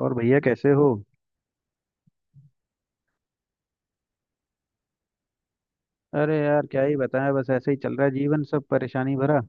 और भैया कैसे हो? अरे यार, क्या ही बताएं, बस ऐसे ही चल रहा है जीवन, सब परेशानी भरा।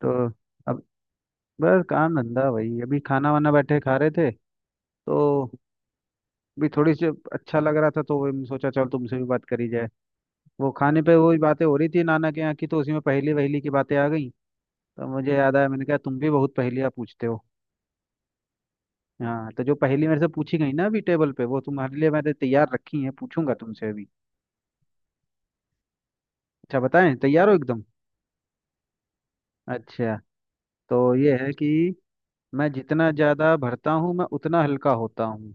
तो अब बस काम धंधा वही, अभी खाना वाना बैठे खा रहे थे तो भी थोड़ी सी अच्छा लग रहा था तो वही सोचा चल तुमसे भी बात करी जाए। वो खाने पे वही बातें हो रही थी नाना के यहाँ की, तो उसी में पहेली वहेली की बातें आ गई। तो मुझे याद आया, मैंने कहा तुम भी बहुत पहेलियाँ पूछते हो। हाँ, तो जो पहेली मेरे से पूछी गई ना अभी टेबल पे, वो तुम्हारे लिए मैंने तैयार रखी है, पूछूंगा तुमसे अभी। अच्छा बताएं, तैयार हो एकदम? अच्छा। तो ये है कि मैं जितना ज़्यादा भरता हूँ मैं उतना हल्का होता हूँ।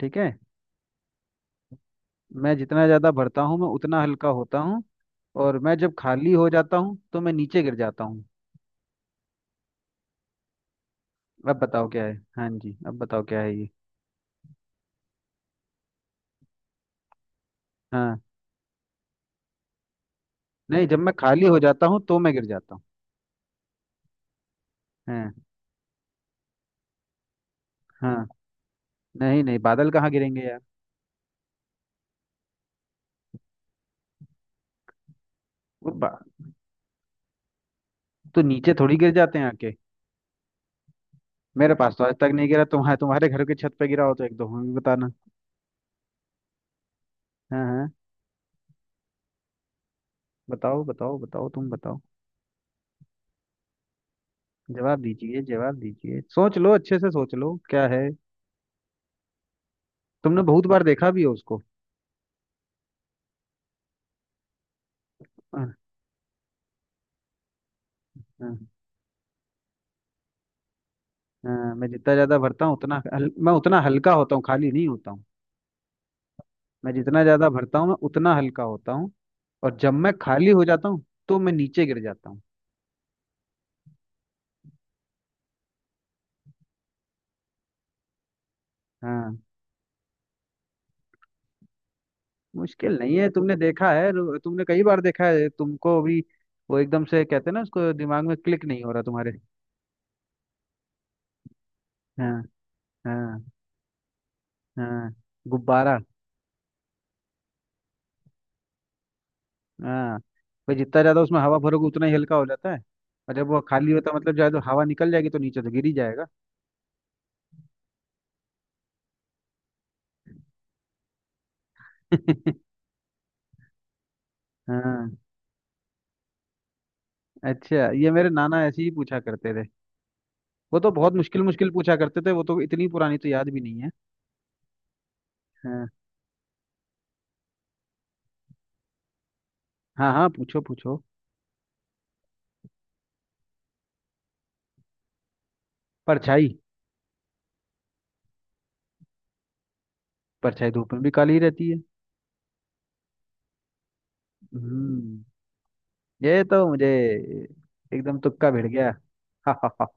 ठीक है? मैं जितना ज़्यादा भरता हूँ मैं उतना हल्का होता हूँ। और मैं जब खाली हो जाता हूँ तो मैं नीचे गिर जाता हूँ। अब बताओ क्या है? हाँ जी, अब बताओ क्या है ये? हाँ। नहीं, जब मैं खाली हो जाता हूँ तो मैं गिर जाता हूँ। हाँ। हाँ, नहीं नहीं, बादल कहाँ गिरेंगे यार। वो बा... तो नीचे थोड़ी गिर जाते हैं आके। मेरे पास तो आज तक नहीं गिरा, तुम्हारे तुम्हारे घर के छत पे गिरा हो तो एक दो हमें भी बताना। हाँ हाँ। बताओ बताओ बताओ, तुम बताओ। जवाब दीजिए, जवाब दीजिए, सोच लो, अच्छे से सोच लो क्या है। तुमने बहुत बार देखा भी हो उसको। हाँ, हाँ, हाँ, मैं जितना ज्यादा भरता हूँ उतना मैं उतना हल्का होता हूँ, खाली नहीं होता हूँ। मैं जितना ज्यादा भरता हूँ मैं उतना हल्का होता हूँ। और जब मैं खाली हो जाता हूँ तो मैं नीचे गिर जाता हूँ। हाँ। मुश्किल नहीं है, तुमने देखा है, तुमने कई बार देखा है, तुमको अभी वो एकदम से कहते हैं ना उसको, दिमाग में क्लिक नहीं हो रहा तुम्हारे? हाँ हाँ। हाँ। गुब्बारा। हाँ। भाई जितना ज्यादा उसमें हवा भरोगे उतना ही हल्का हो जाता है। और जब वो खाली होता है मतलब ज्यादा हवा निकल जाएगी तो नीचे तो गिर ही जाएगा। हाँ। अच्छा, ये मेरे नाना ऐसे ही पूछा करते थे। वो तो बहुत मुश्किल मुश्किल पूछा करते थे, वो तो इतनी पुरानी तो याद भी नहीं है। हाँ। हाँ हाँ, पूछो पूछो। परछाई। परछाई धूप में भी काली रहती है। हम्म। ये तो मुझे एकदम तुक्का भिड़ गया।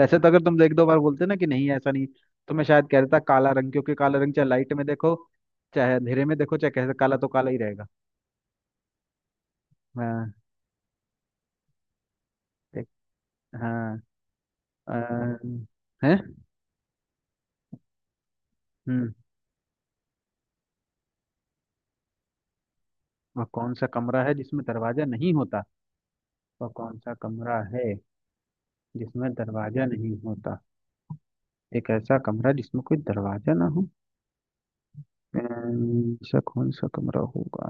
वैसे तो अगर तुम एक दो बार बोलते ना कि नहीं ऐसा नहीं, तो मैं शायद कह देता काला रंग, क्योंकि काला रंग चाहे लाइट में देखो चाहे अंधेरे में देखो चाहे कैसे, काला तो काला ही रहेगा। हाँ। देख- हाँ। अम, है। हम्म। वह कौन सा कमरा है जिसमें दरवाजा नहीं होता? वह कौन सा कमरा है जिसमें दरवाजा नहीं होता? एक ऐसा कमरा जिसमें कोई दरवाजा ना हो। ऐसा कौन सा कमरा होगा?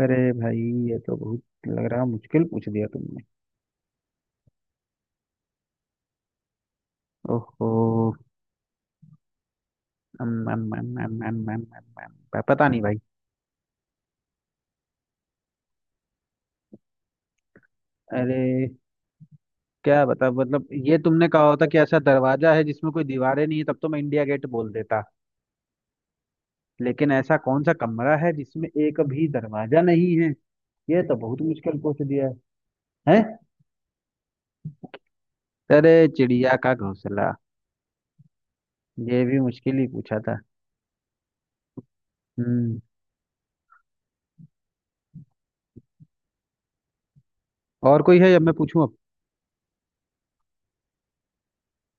अरे भाई, ये तो बहुत लग रहा, मुश्किल पूछ दिया तुमने। ओहो। अम, अम, अम, अम, अम, अम, अम, अम, पता नहीं भाई। अरे क्या बता, मतलब ये तुमने कहा होता कि ऐसा दरवाजा है जिसमें कोई दीवारें नहीं है, तब तो मैं इंडिया गेट बोल देता, लेकिन ऐसा कौन सा कमरा है जिसमें एक भी दरवाजा नहीं है? ये तो बहुत मुश्किल पूछ दिया। है? हैं? अरे चिड़िया का घोंसला! ये भी मुश्किल ही पूछा था। हम्म। और कोई है या मैं पूछूं अब?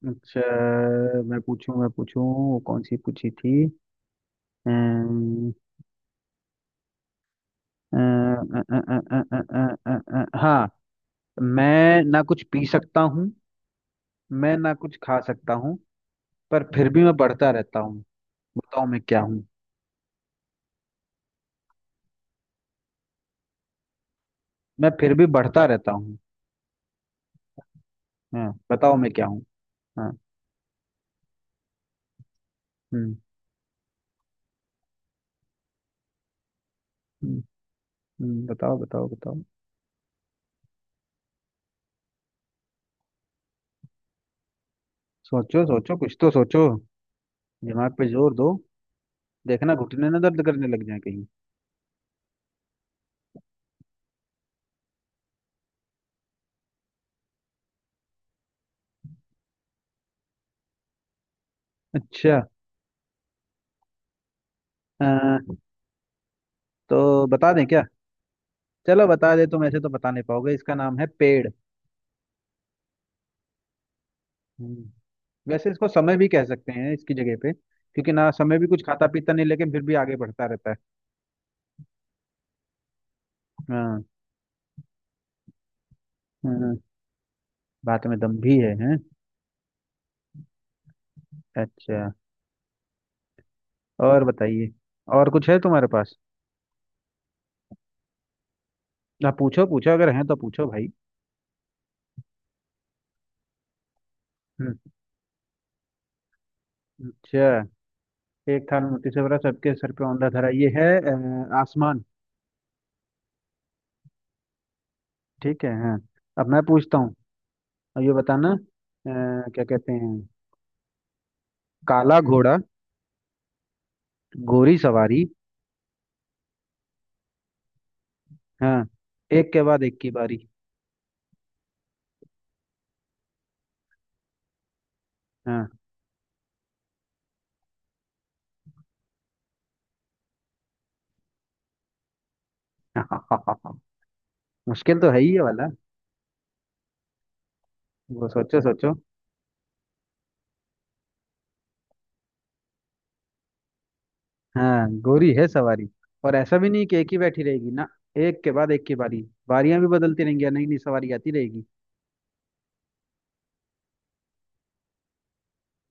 अच्छा। मैं पूछूं, मैं पूछूं, कौन सी पूछी थी। अम्म, अ, अ, अ, अ, अ, अ, अ, अ, अ, हाँ। मैं ना कुछ पी सकता हूँ, मैं ना कुछ खा सकता हूँ, पर फिर भी मैं बढ़ता रहता हूँ। बताओ मैं क्या हूँ? मैं फिर भी बढ़ता रहता हूँ। हाँ, बताओ मैं क्या हूँ? हाँ। हम्म। हम्म, बताओ बताओ बताओ। सोचो सोचो, कुछ तो सोचो। दिमाग पे जोर दो। देखना घुटने ना दर्द करने लग जाए कहीं। अच्छा। अ, तो बता दें क्या? चलो बता दे, तुम ऐसे तो बता नहीं पाओगे, इसका नाम है पेड़। हम्म, वैसे इसको समय भी कह सकते हैं इसकी जगह पे, क्योंकि ना समय भी कुछ खाता पीता नहीं लेकिन फिर भी आगे बढ़ता रहता है। हाँ। हम्म, बात में दम भी है। हैं? अच्छा। और बताइए, और कुछ है तुम्हारे पास? ना, पूछो पूछो, अगर है तो पूछो भाई। हम्म, अच्छा, एक थाल मोती से भरा, सबके सर पे औंधा धरा, ये है आसमान। ठीक है। हाँ। अब मैं पूछता हूँ। अब ये बताना, क्या कहते हैं। काला घोड़ा गोरी सवारी। हाँ। एक के बाद एक की बारी। हाँ। मुश्किल तो है ही ये वाला। वो सोचो सोचो। हाँ, गोरी है सवारी। और ऐसा भी नहीं कि एक ही बैठी रहेगी ना, एक के बाद एक की बारी। बारियां भी बदलती रहेंगी और नई नई सवारी आती रहेगी।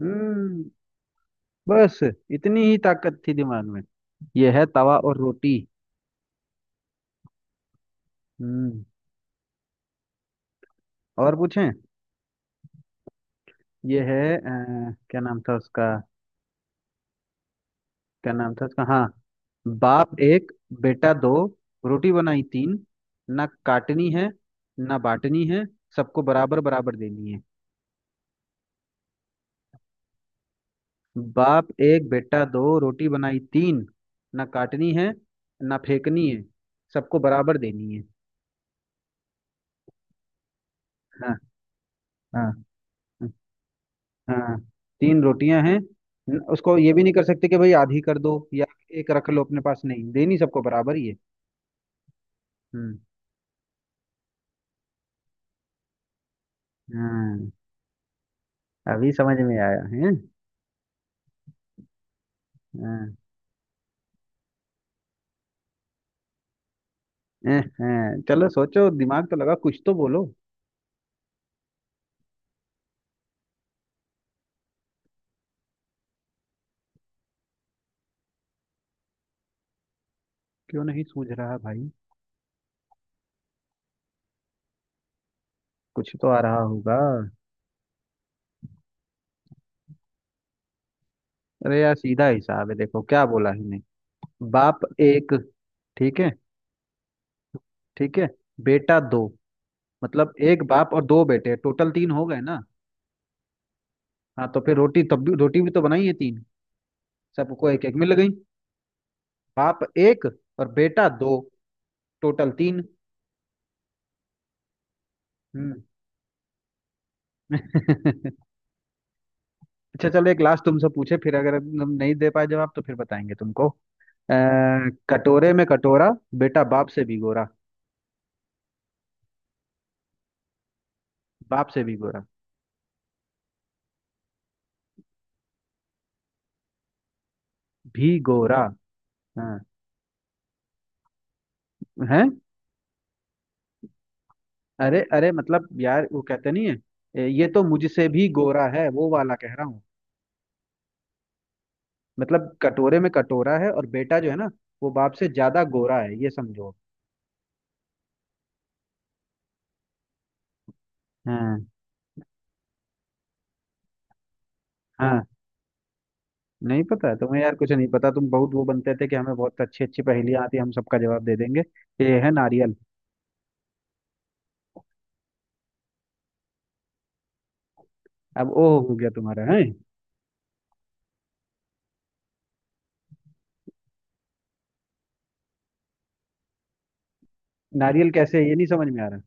हम्म। बस, इतनी ही ताकत थी दिमाग में। ये है तवा और रोटी। हम्म। और पूछें? ये है, क्या नाम था उसका, क्या नाम था उसका, हाँ। बाप एक, बेटा दो, रोटी बनाई तीन। ना काटनी है, ना बांटनी है, सबको बराबर बराबर देनी है। बाप एक, बेटा दो, रोटी बनाई तीन। ना काटनी है, ना फेंकनी है, सबको बराबर देनी है। हाँ। हाँ। हाँ। तीन रोटियां हैं। उसको ये भी नहीं कर सकते कि भाई आधी कर दो या एक रख लो अपने पास, नहीं, देनी सबको बराबर ही है। हम्म। हाँ, अभी समझ में आया है। हाँ। हैं, हैं। चलो सोचो, दिमाग तो लगा, कुछ तो बोलो। क्यों नहीं सूझ रहा भाई? कुछ तो आ रहा होगा। अरे यार, सीधा हिसाब है, देखो क्या बोला ही नहीं। बाप एक। ठीक है? ठीक है। बेटा दो। मतलब एक बाप और दो बेटे, टोटल तीन हो गए ना। हाँ, तो फिर रोटी, तब भी रोटी भी तो बनाई है तीन, सबको एक एक मिल गई। बाप एक और बेटा दो, टोटल तीन। हम्म। अच्छा चलो, एक लास्ट तुमसे पूछे फिर अगर हम नहीं दे पाए जवाब तो फिर बताएंगे तुमको। कटोरे में कटोरा, बेटा बाप से भी गोरा। बाप से भी गोरा, भी गोरा। हाँ। हैं? अरे अरे, मतलब यार, वो कहते नहीं है, ए, ये तो मुझसे भी गोरा है, वो वाला कह रहा हूँ। मतलब कटोरे में कटोरा है, और बेटा जो है ना वो बाप से ज्यादा गोरा है, ये समझो। हाँ। हाँ। नहीं पता है तुम्हें यार, कुछ नहीं पता, तुम बहुत वो बनते थे कि हमें बहुत अच्छी अच्छी पहेलियां आती हैं, हम सबका जवाब दे देंगे। ये है नारियल। अब ओ हो गया तुम्हारा, है? नारियल कैसे है, ये नहीं समझ में आ रहा?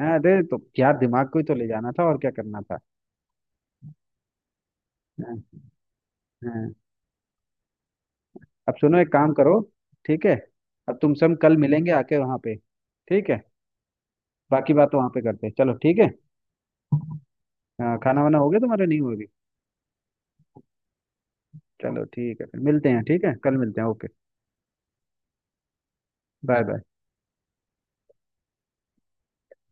हाँ, अरे तो क्या दिमाग को ही तो ले जाना था, और क्या करना था। हाँ। हाँ। अब सुनो, एक काम करो। ठीक है। अब तुम सब कल मिलेंगे आके वहां पे। ठीक है? बाकी बात वहां पे करते हैं, चलो ठीक है। हाँ, खाना वाना हो गया तुम्हारा, नहीं हो गया? चलो ठीक है, फिर मिलते हैं, ठीक है, कल मिलते हैं, ओके। Bye bye.